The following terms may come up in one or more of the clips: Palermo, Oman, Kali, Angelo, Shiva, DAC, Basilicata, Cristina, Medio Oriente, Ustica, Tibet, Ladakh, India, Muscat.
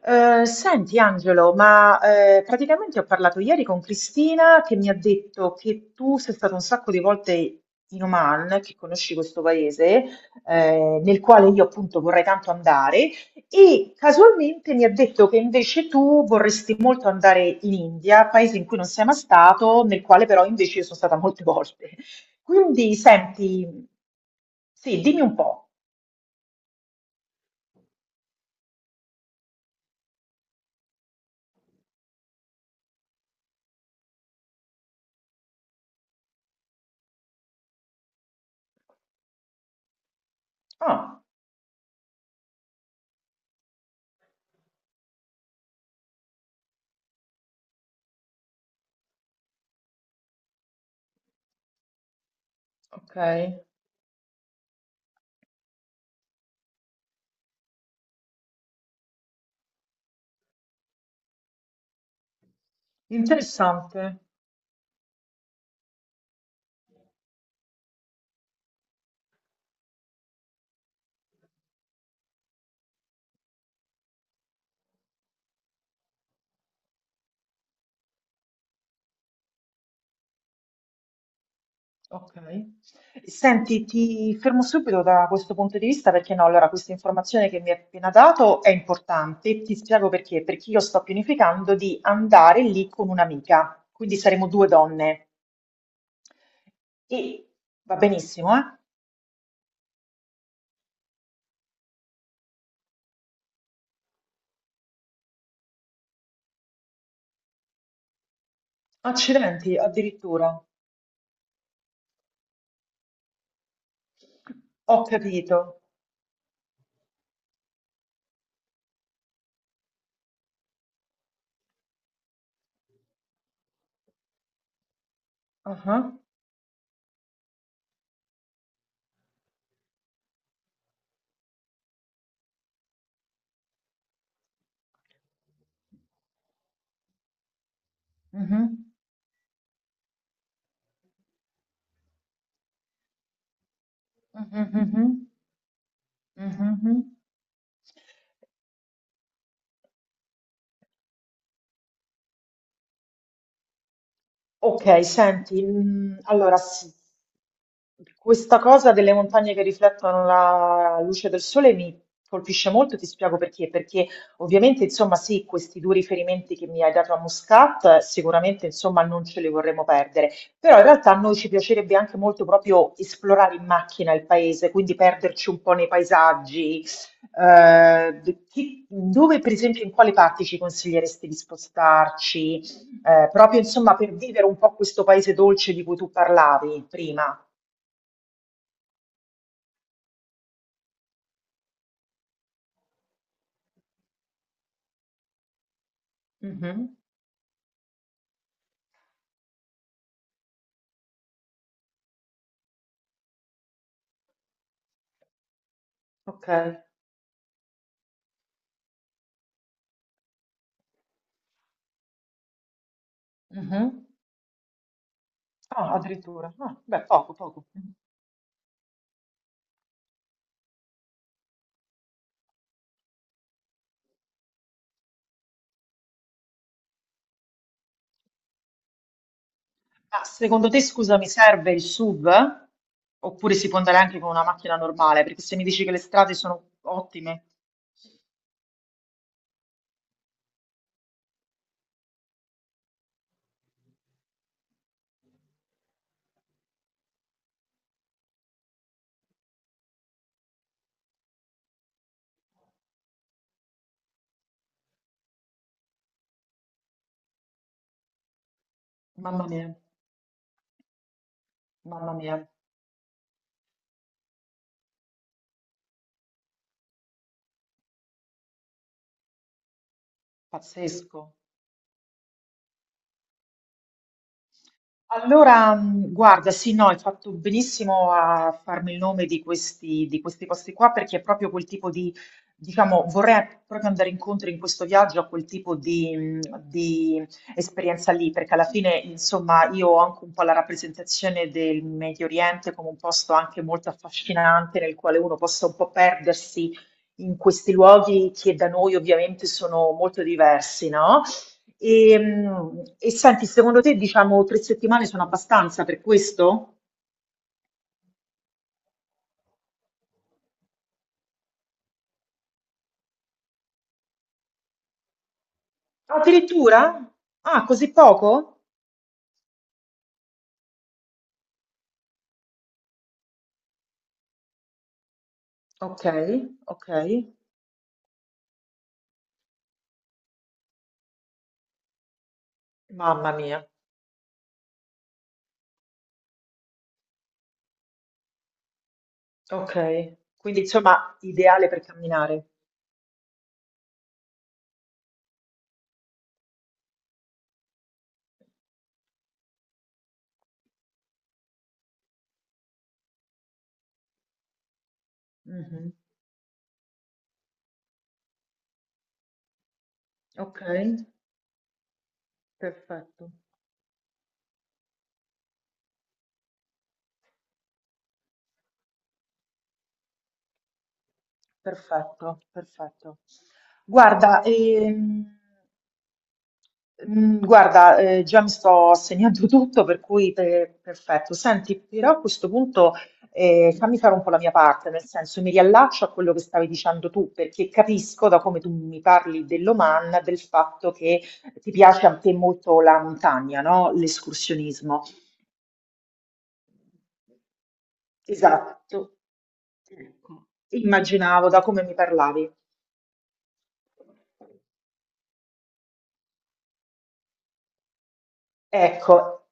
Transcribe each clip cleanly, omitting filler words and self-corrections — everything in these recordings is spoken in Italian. Senti Angelo, ma praticamente ho parlato ieri con Cristina che mi ha detto che tu sei stato un sacco di volte in Oman, che conosci questo paese, nel quale io appunto vorrei tanto andare, e casualmente mi ha detto che invece tu vorresti molto andare in India, paese in cui non sei mai stato, nel quale però invece io sono stata molte volte. Quindi senti, sì, dimmi un po'. Ah, ok, interessante. Ok. Senti, ti fermo subito da questo punto di vista perché no, allora questa informazione che mi hai appena dato è importante e ti spiego perché, perché io sto pianificando di andare lì con un'amica, quindi saremo due donne e va benissimo, eh? Accidenti, addirittura. Ho capito. Ah, mhm, mhm, mhm, mhm, mhm. Mhm. Ok, senti, mm, allora sì, questa cosa delle montagne che riflettono la luce del sole mi colpisce molto e ti spiego perché, perché ovviamente insomma sì, questi due riferimenti che mi hai dato a Muscat sicuramente insomma non ce li vorremmo perdere, però in realtà a noi ci piacerebbe anche molto proprio esplorare in macchina il paese, quindi perderci un po' nei paesaggi, chi- dove per esempio in quali parti ci consiglieresti di spostarci? Proprio insomma per vivere un po' questo paese dolce di cui tu parlavi prima. Mhm. Ok. Mhm. Ah, addirittura. Ah, beh, poco, poco. Ma secondo te, scusa, mi serve il SUV? Oppure si può andare anche con una macchina normale? Perché se mi dici che le strade sono ottime, mamma mia, mamma mia, pazzesco. Allora, guarda, sì, no, hai fatto benissimo a farmi il nome di questi posti qua perché è proprio quel tipo di, diciamo, vorrei proprio andare incontro in questo viaggio a quel tipo di esperienza lì, perché alla fine, insomma, io ho anche un po' la rappresentazione del Medio Oriente come un posto anche molto affascinante nel quale uno possa un po' perdersi in questi luoghi che da noi ovviamente sono molto diversi, no? E, mm, e senti, secondo te, diciamo, 3 settimane sono abbastanza per questo? Addirittura? Ah, così poco? Ok, ok. Mamma mia. Ok. Quindi, insomma, ideale per camminare. Mhm. Ok, perfetto, perfetto, perfetto. Guarda, mhmm, guarda, già mi sto segnando tutto per cui pe perfetto. Senti, però a questo punto, fammi fare un po' la mia parte, nel senso mi riallaccio a quello che stavi dicendo tu, perché capisco da come tu mi parli dell'Oman, del fatto che ti piace a te molto la montagna, no, l'escursionismo. Esatto. Ecco, immaginavo da come mi parlavi. Ecco,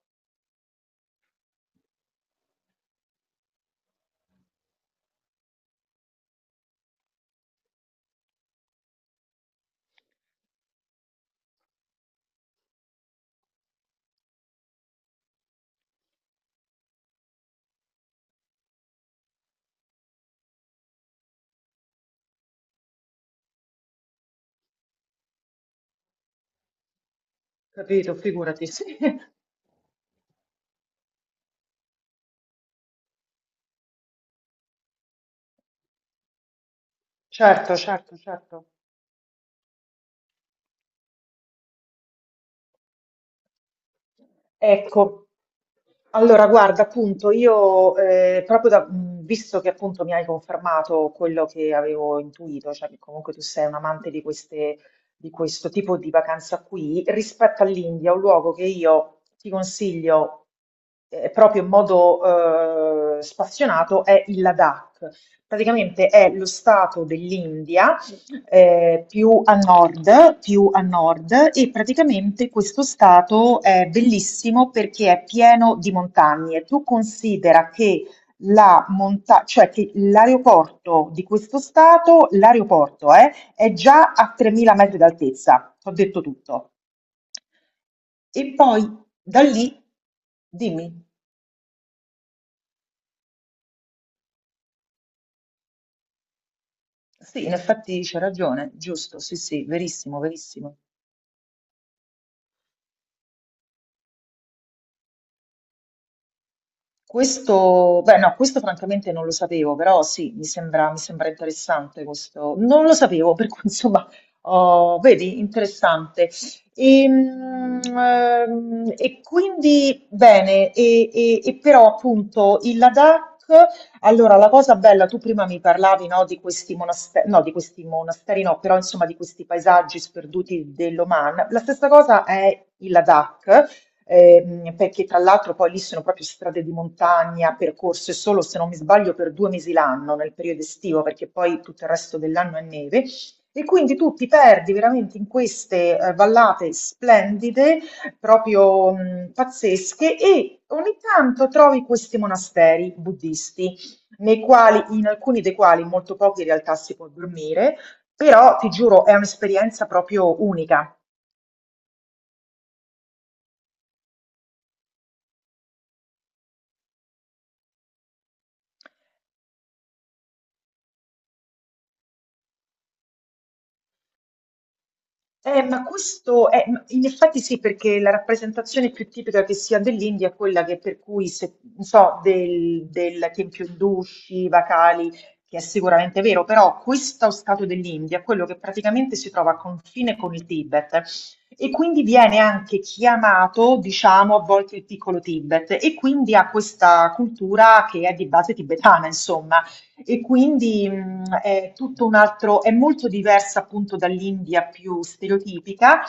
capito, figurati, sì. Certo, certo, certo. Ecco, allora guarda, appunto, io proprio da, visto che appunto mi hai confermato quello che avevo intuito, cioè che comunque tu sei un amante di queste, di questo tipo di vacanza qui, rispetto all'India, un luogo che io ti consiglio proprio in modo spassionato è il Ladakh. Praticamente è lo stato dell'India più a nord e praticamente questo stato è bellissimo perché è pieno di montagne. Tu considera che cioè che l'aeroporto di questo stato, l'aeroporto è già a 3000 metri d'altezza, ho detto tutto. E poi da lì, dimmi, sì, in effetti c'è ragione, giusto, sì, sì, verissimo, verissimo. Questo, beh, no, questo francamente non lo sapevo, però sì, mi sembra interessante questo. Non lo sapevo, per cui insomma, oh, vedi, interessante. E, mm, e quindi, bene, e però appunto il Ladakh, allora la cosa bella, tu prima mi parlavi, no, di questi monasteri, no, di questi monasteri no, però insomma di questi paesaggi sperduti dell'Oman. La stessa cosa è il Ladakh perché tra l'altro poi lì sono proprio strade di montagna, percorse solo se non mi sbaglio per 2 mesi l'anno nel periodo estivo, perché poi tutto il resto dell'anno è neve. E quindi tu ti perdi veramente in queste vallate splendide, proprio pazzesche, e ogni tanto trovi questi monasteri buddisti, nei quali, in alcuni dei quali, molto pochi in realtà si può dormire, però ti giuro, è un'esperienza proprio unica. Ma questo è, ma in effetti sì, perché la rappresentazione più tipica che si ha dell'India è quella che per cui, se, non so, del tempio indù, Shiva, Kali, che è sicuramente vero, però questo stato dell'India è quello che praticamente si trova a confine con il Tibet e quindi viene anche chiamato, diciamo, a volte il piccolo Tibet e quindi ha questa cultura che è di base tibetana, insomma. E quindi è tutto un altro, è molto diversa appunto dall'India più stereotipica,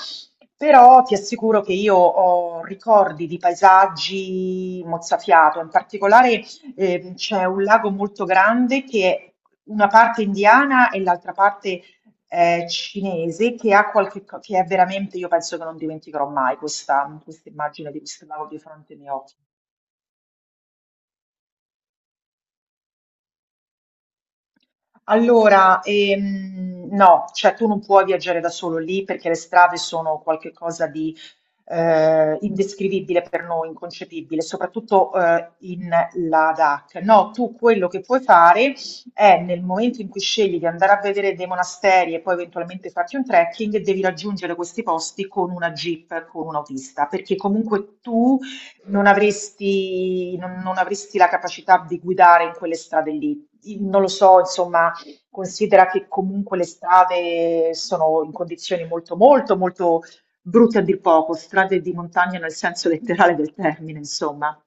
però ti assicuro che io ho ricordi di paesaggi mozzafiato, in particolare c'è un lago molto grande che è una parte indiana e l'altra parte cinese che ha che è veramente, io penso che non dimenticherò mai questa, questa immagine di questo lago di fronte ai miei occhi. Allora, no, cioè tu non puoi viaggiare da solo lì perché le strade sono qualcosa di indescrivibile per noi, inconcepibile, soprattutto in la DAC. No, tu quello che puoi fare è nel momento in cui scegli di andare a vedere dei monasteri e poi eventualmente farti un trekking, devi raggiungere questi posti con una jeep, con un autista, perché comunque tu non avresti, non, non avresti la capacità di guidare in quelle strade lì. Non lo so, insomma. Considera che comunque le strade sono in condizioni molto, molto, molto brutte a dir poco, strade di montagna nel senso letterale del termine, insomma.